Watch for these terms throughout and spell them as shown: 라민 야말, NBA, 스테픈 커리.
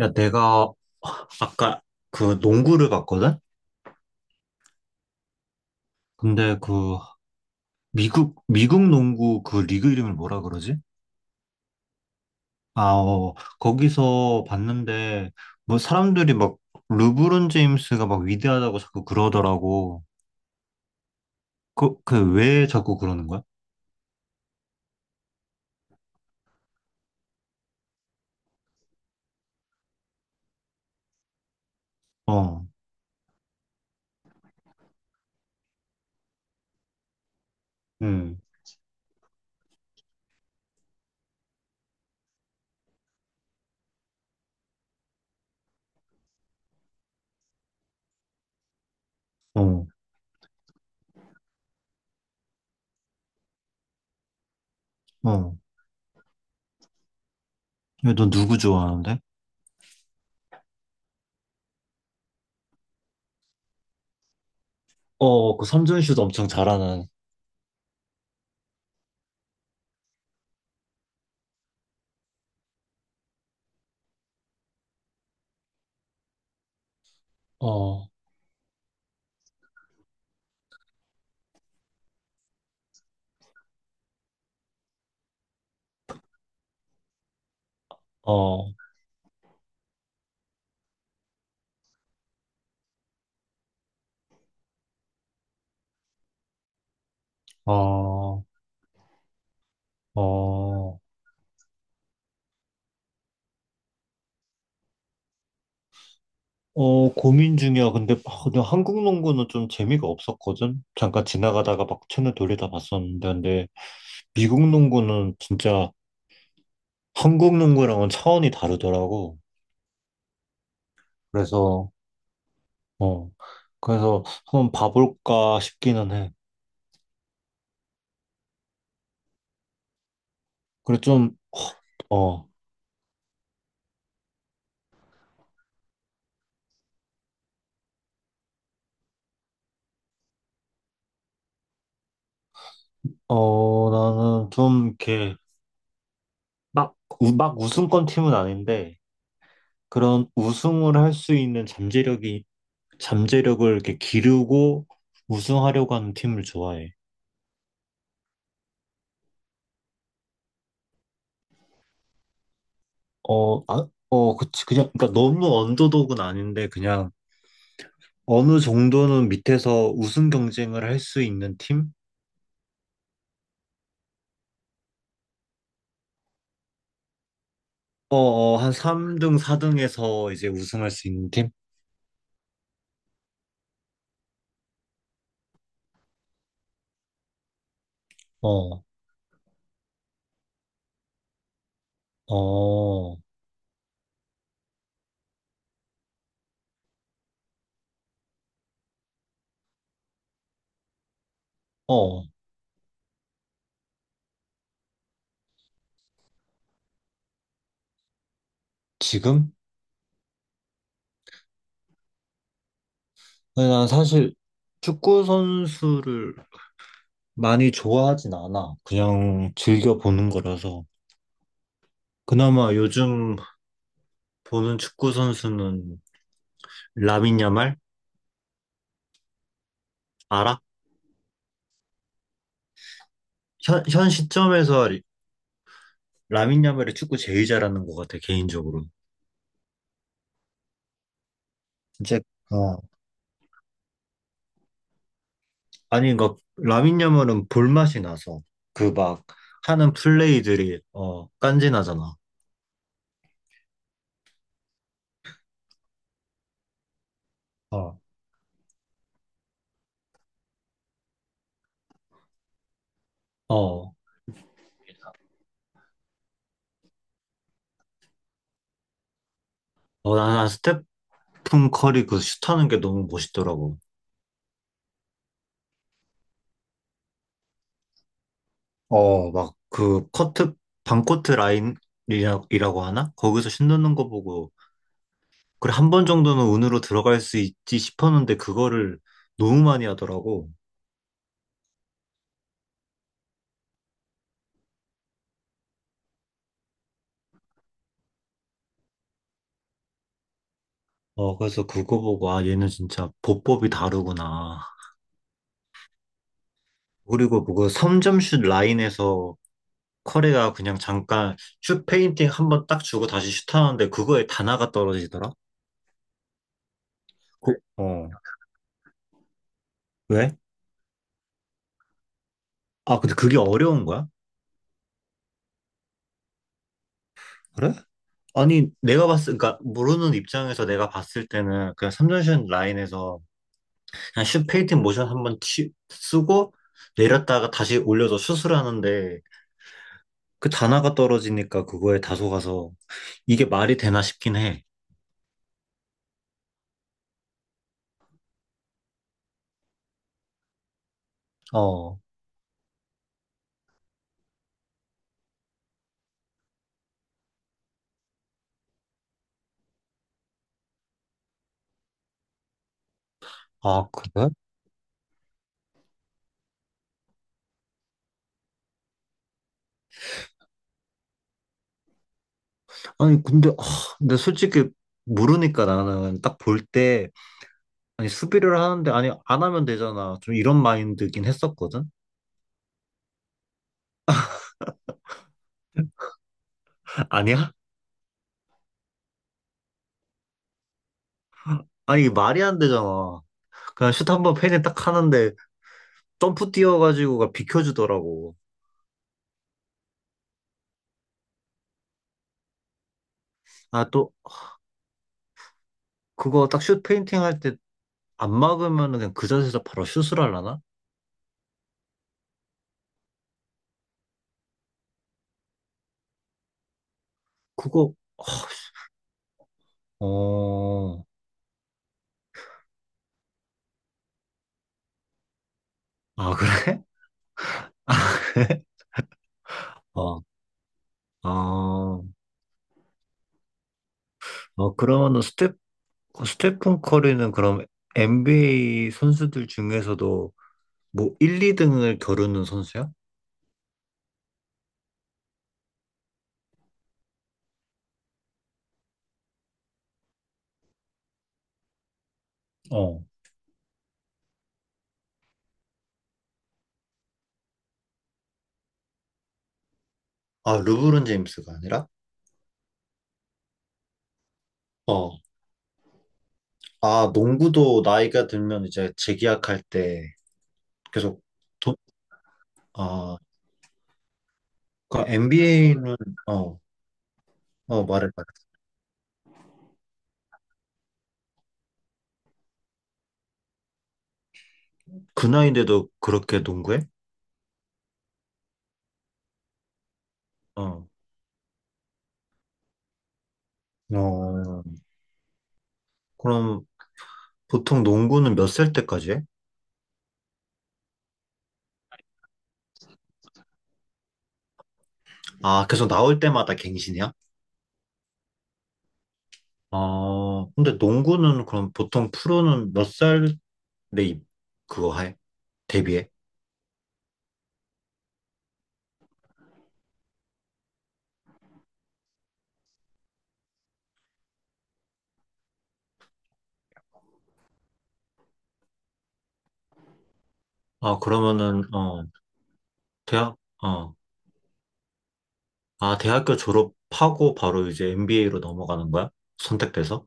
야, 내가 아까 그 농구를 봤거든? 근데 그 미국 농구 그 리그 이름을 뭐라 그러지? 아, 어, 거기서 봤는데 뭐 사람들이 막 르브론 제임스가 막 위대하다고 자꾸 그러더라고. 그, 그 왜 자꾸 그러는 거야? 어, 응, 어, 어. 야, 너 누구 좋아하는데? 어, 그 삼점슛 엄청 잘하는. 어, 어, 어, 어. 어, 고민 중이야. 근데 한국 농구는 좀 재미가 없었거든? 잠깐 지나가다가 막 채널 돌리다 봤었는데, 근데 미국 농구는 진짜 한국 농구랑은 차원이 다르더라고. 그래서, 어, 그래서 한번 봐볼까 싶기는 해. 그래, 좀, 어, 어, 나는 좀 이렇게 막, 막 우승권 팀은 아닌데, 그런 우승을 할 수 있는 잠재력을 이렇게 기르고 우승하려고 하는 팀을 좋아해. 어, 아, 어, 그치. 그냥, 그러니까 너무 언더독은 아닌데, 그냥 어느 정도는 밑에서 우승 경쟁을 할 수 있는 팀? 어, 어, 한 3등, 4등에서 이제 우승할 수 있는 팀? 어, 어, 어, 지금? 근데 난 사실 축구 선수를 많이 좋아하진 않아. 그냥 즐겨 보는 거라서. 그나마 요즘 보는 축구 선수는 라민 야말? 알아? 현 시점에서 라민 야말이 축구 제일 잘하는 것 같아, 개인적으로. 이제 어, 아니, 그니까 라민 야말은 볼맛이 나서 그 막 하는 플레이들이 어 깐지나잖아. 어, 어, 어, 나나 스테픈 커리 그 슛하는 게 너무 멋있더라고. 어, 막 그 커트 반코트 라인이라고 하나? 거기서 슛 넣는 거 보고 그래 한 번 정도는 운으로 들어갈 수 있지 싶었는데 그거를 너무 많이 하더라고. 어, 그래서 그거 보고 아 얘는 진짜 보법이 다르구나. 그리고 그거 3점슛 라인에서 커리가 그냥 잠깐 슛 페인팅 한 번 딱 주고 다시 슛하는데 그거에 다나가 떨어지더라? 그, 어. 왜? 아, 근데 그게 어려운 거야? 그래? 아니, 내가 봤을, 그러니까 모르는 입장에서 내가 봤을 때는 그냥 3점슛 라인에서 그냥 슛 페인팅 모션 한 번 쓰고 내렸다가 다시 올려서 슛을 하는데 그 단아가 떨어지니까 그거에 다소 가서 이게 말이 되나 싶긴 해. 어. 아, 그래? 아니 근데 솔직히 모르니까 나는 딱 볼 때 아니 수비를 하는데 아니 안 하면 되잖아 좀 이런 마인드긴 했었거든 아니야? 아니 이게 말이 안 되잖아 그냥 슛 한번 페인팅 딱 하는데 점프 뛰어가지고가 비켜주더라고 아 또 그거 딱 슛 페인팅 할 때 안 막으면 그냥 그 자세에서 바로 슛을 하려나? 그거 어... 아 그래? 어, 아, 어, 그러면은 스테픈 커리는 그럼 NBA 선수들 중에서도 뭐 1, 2등을 겨루는 선수야? 어, 아, 르브론 제임스가 아니라? 어. 아, 농구도 나이가 들면 이제 재계약할 때 계속 돈, 아, 그 NBA는, 어, 어, 말해, 말해. 그 나이인데도 그렇게 농구해? 어. 어, 그럼 보통 농구는 몇 살 때까지 해? 아, 계속 나올 때마다 갱신이야? 아, 근데 농구는 그럼 보통 프로는 몇살 내 입, 그거 해? 데뷔해? 아, 그러면은, 어, 대학, 어, 대학교 졸업하고 바로 이제 MBA 로 넘어가는 거야? 선택돼서?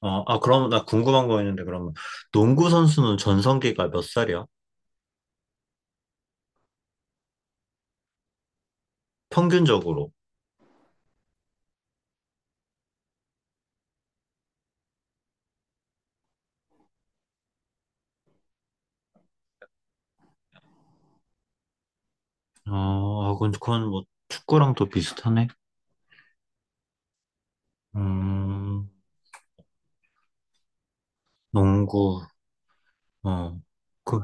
어, 아, 그럼 나 궁금한 거 있는데, 그러면 농구 선수는 전성기가 몇 살이야? 평균적으로. 어, 아, 그건 뭐 축구랑 또 비슷하네. 음, 농구, 어, 그,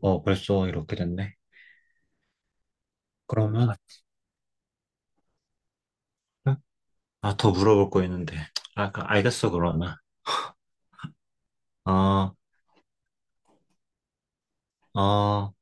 어, 벌써 이렇게 됐네. 그러면, 아, 더 물어볼 거 있는데. 아, 알겠어, 그러면. 어, 어.